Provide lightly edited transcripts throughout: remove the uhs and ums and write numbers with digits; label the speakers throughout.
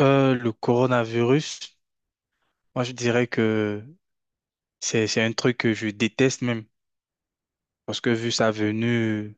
Speaker 1: Le coronavirus, moi je dirais que c'est un truc que je déteste même parce que vu sa venue,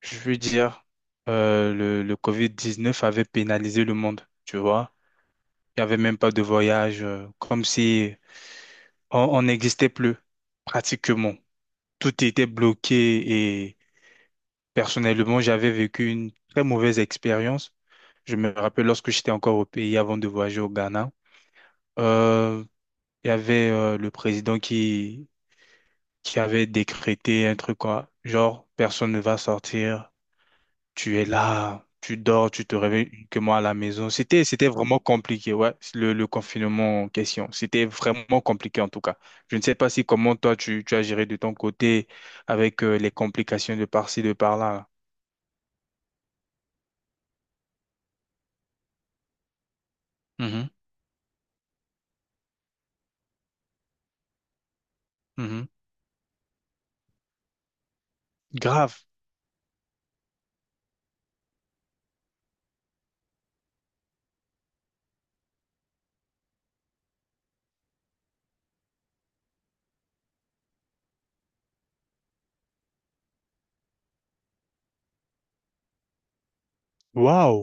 Speaker 1: je veux dire, le COVID-19 avait pénalisé le monde, tu vois. Il n'y avait même pas de voyage, comme si on n'existait plus pratiquement. Tout était bloqué et personnellement, j'avais vécu une très mauvaise expérience. Je me rappelle lorsque j'étais encore au pays avant de voyager au Ghana. Euh, il y avait le président qui avait décrété un truc quoi, genre personne ne va sortir, tu es là, tu dors, tu te réveilles uniquement à la maison. C'était vraiment compliqué, ouais, le confinement en question. C'était vraiment compliqué en tout cas. Je ne sais pas si comment toi tu as géré de ton côté avec les complications de par-ci, de par-là. Mhm, mhm. Grave. Waouh.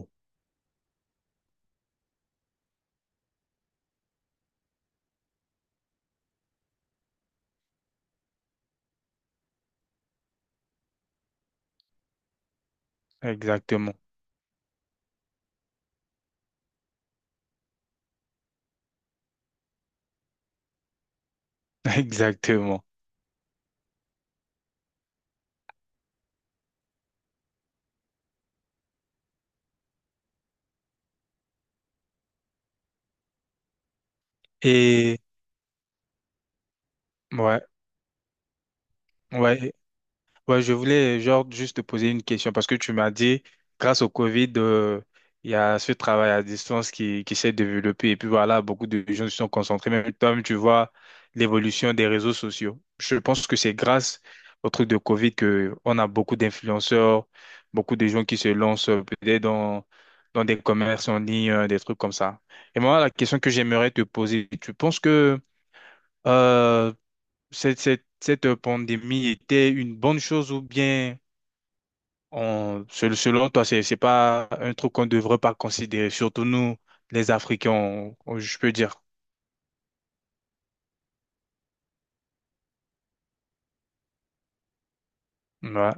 Speaker 1: Exactement. Exactement. Et ouais, ouais. Ouais, je voulais genre juste te poser une question parce que tu m'as dit, grâce au Covid, il y a ce travail à distance qui s'est développé et puis voilà, beaucoup de gens se sont concentrés. Même toi, tu vois l'évolution des réseaux sociaux. Je pense que c'est grâce au truc de Covid que on a beaucoup d'influenceurs, beaucoup de gens qui se lancent peut-être dans des commerces en ligne, des trucs comme ça. Et moi, la question que j'aimerais te poser, tu penses que euh, cette pandémie était une bonne chose ou bien selon toi, c'est pas un truc qu'on devrait pas considérer, surtout nous, les Africains, je peux dire. Ouais.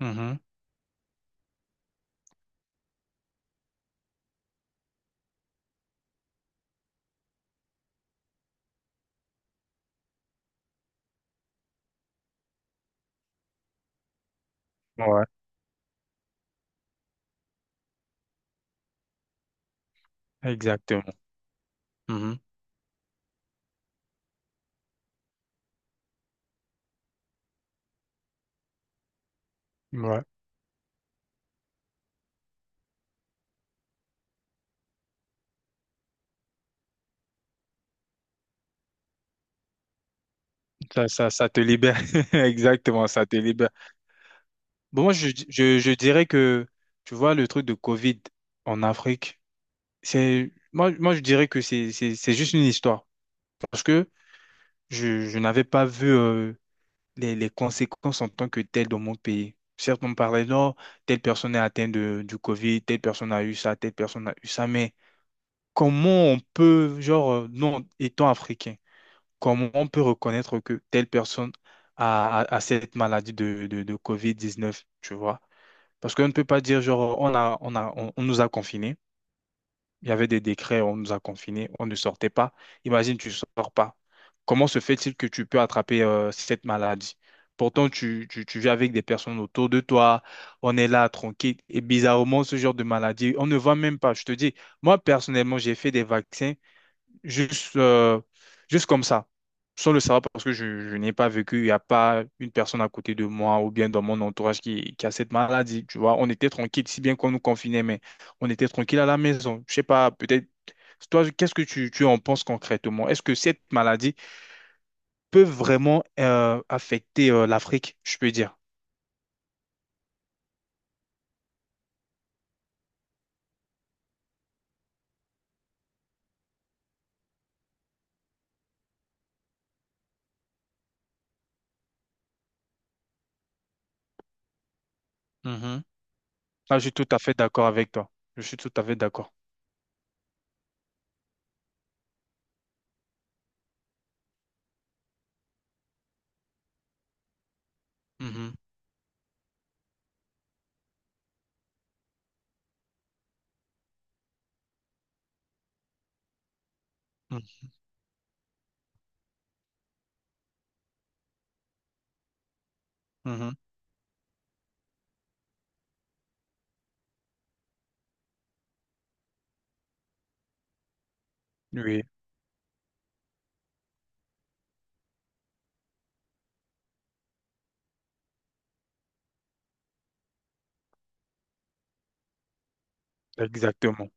Speaker 1: Mhm. Ouais, exactement. Mhm. Ouais. Ça te libère. Exactement, ça te libère. Bon, moi, je dirais que, tu vois, le truc de Covid en Afrique, c'est, moi, je dirais que c'est juste une histoire. Parce que je n'avais pas vu, les conséquences en tant que telles dans mon pays. Certes, on parlait, non, telle personne est atteinte du Covid, telle personne a eu ça, telle personne a eu ça, mais comment on peut, genre, non, étant africain, comment on peut reconnaître que telle personne a cette maladie de Covid-19, tu vois? Parce qu'on ne peut pas dire, genre, on nous a confinés. Il y avait des décrets, on nous a confinés, on ne sortait pas. Imagine, tu ne sors pas. Comment se fait-il que tu peux attraper cette maladie? Pourtant, tu vis avec des personnes autour de toi, on est là, tranquille. Et bizarrement, ce genre de maladie, on ne voit même pas. Je te dis, moi, personnellement, j'ai fait des vaccins Juste, euh, juste comme ça, sans le savoir parce que je n'ai pas vécu, il n'y a pas une personne à côté de moi ou bien dans mon entourage qui a cette maladie, tu vois. On était tranquille, si bien qu'on nous confinait, mais on était tranquille à la maison. Je sais pas, peut-être, toi, qu'est-ce que tu en penses concrètement? Est-ce que cette maladie peuvent vraiment affecter l'Afrique, je peux dire. Mhm. Ah, je suis tout à fait d'accord avec toi. Je suis tout à fait d'accord. Mhm. Mhm. Mhm. Oui, exactement.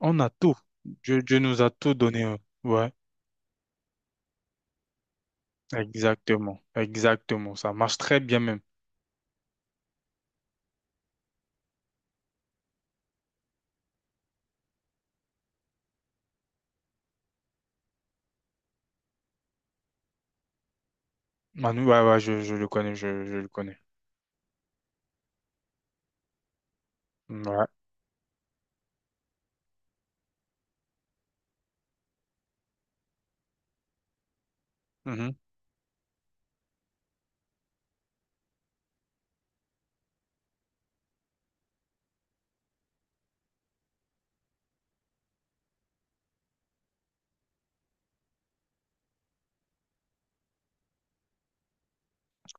Speaker 1: On a tout. Dieu, Dieu nous a tout donné. Ouais. Exactement, exactement, ça marche très bien même. Manu, ouais, ouais, je le connais, je le connais. Ouais, mhm,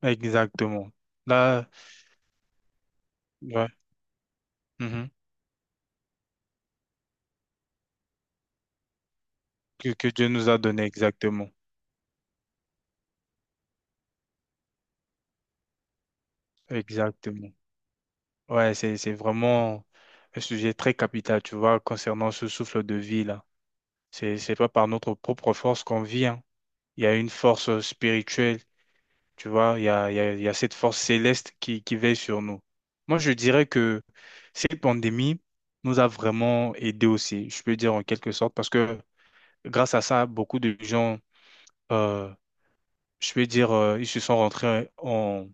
Speaker 1: Exactement. Là, ouais, mhm, Que Dieu nous a donné, exactement, exactement. Ouais, c'est vraiment un sujet très capital, tu vois, concernant ce souffle de vie là. C'est pas par notre propre force qu'on vit, hein. Il y a une force spirituelle. Tu vois, il y a cette force céleste qui veille sur nous. Moi, je dirais que cette pandémie nous a vraiment aidés aussi, je peux dire en quelque sorte, parce que grâce à ça, beaucoup de gens, euh, je peux dire, ils se sont rentrés en,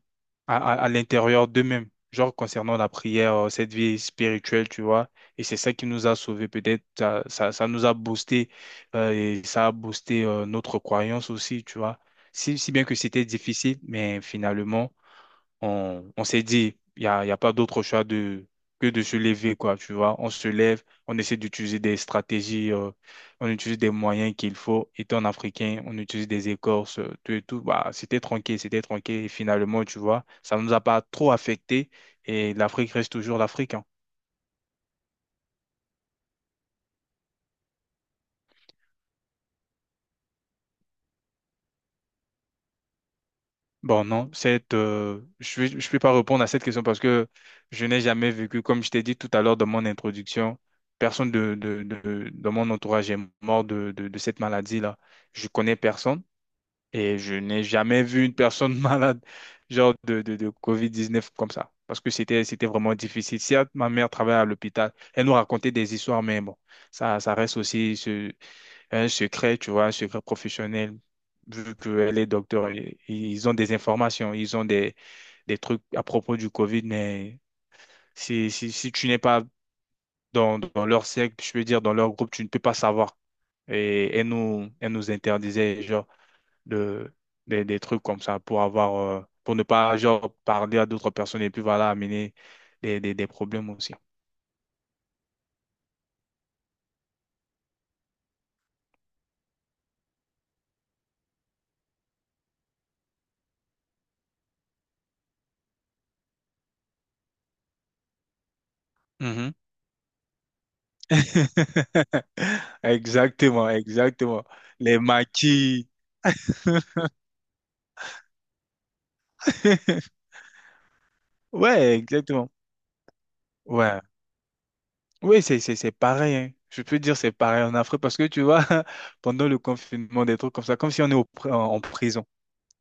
Speaker 1: à, à, à l'intérieur d'eux-mêmes, genre concernant la prière, cette vie spirituelle, tu vois. Et c'est ça qui nous a sauvés, peut-être, ça nous a boosté, et ça a boosté, notre croyance aussi, tu vois. Si bien que c'était difficile, mais finalement, on s'est dit, il n'y a pas d'autre choix que de se lever, quoi, tu vois. On se lève, on essaie d'utiliser des stratégies, on utilise des moyens qu'il faut. Étant africain, on utilise des écorces, tout et tout. Bah, c'était tranquille, c'était tranquille. Et finalement, tu vois, ça ne nous a pas trop affecté et l'Afrique reste toujours l'Afrique, hein. Bon, non, je ne vais pas répondre à cette question parce que je n'ai jamais vécu, comme je t'ai dit tout à l'heure dans mon introduction, personne de mon entourage est mort de cette maladie-là. Je connais personne et je n'ai jamais vu une personne malade, genre de COVID-19 comme ça, parce que c'était vraiment difficile. Certes, ma mère travaillait à l'hôpital, elle nous racontait des histoires, mais bon, ça reste aussi un secret, tu vois, un secret professionnel, vu que les docteurs, ils ont des informations, ils ont des trucs à propos du COVID, mais si tu n'es pas dans leur cercle, je veux dire, dans leur groupe, tu ne peux pas savoir. Et elle nous interdisait, genre, de, des trucs comme ça pour avoir, pour ne pas, genre, parler à d'autres personnes et puis, voilà, amener des problèmes aussi. Mhm. Exactement, exactement. Les maquis. Ouais, exactement. Ouais. Oui, c'est pareil, hein. Je peux dire c'est pareil en Afrique parce que tu vois, pendant le confinement, des trucs comme ça, comme si on est en prison.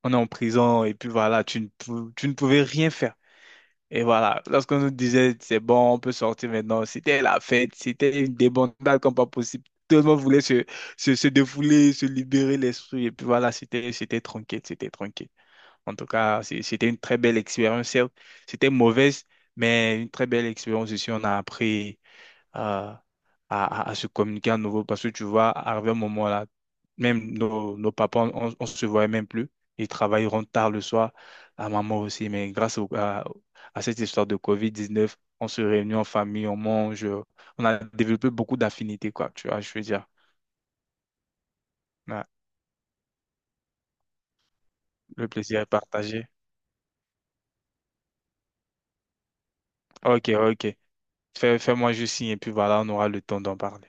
Speaker 1: On est en prison et puis voilà, tu ne pouvais rien faire. Et voilà, lorsqu'on nous disait c'est bon, on peut sortir maintenant, c'était la fête, c'était une débandade comme pas possible. Tout le monde voulait se défouler, se libérer l'esprit. Et puis voilà, c'était tranquille, c'était tranquille. En tout cas, c'était une très belle expérience, certes. C'était mauvaise, mais une très belle expérience aussi. On a appris euh, à, à se communiquer à nouveau parce que tu vois, arriver un moment là, même nos papas, on se voyait même plus. Ils travailleront tard le soir, à maman aussi, mais grâce à cette histoire de COVID-19, on se réunit en famille, on mange, on a développé beaucoup d'affinités, quoi, tu vois, je veux dire. Ouais, le plaisir est partagé. Ok, ok. Fais-moi juste signe et puis voilà, on aura le temps d'en parler.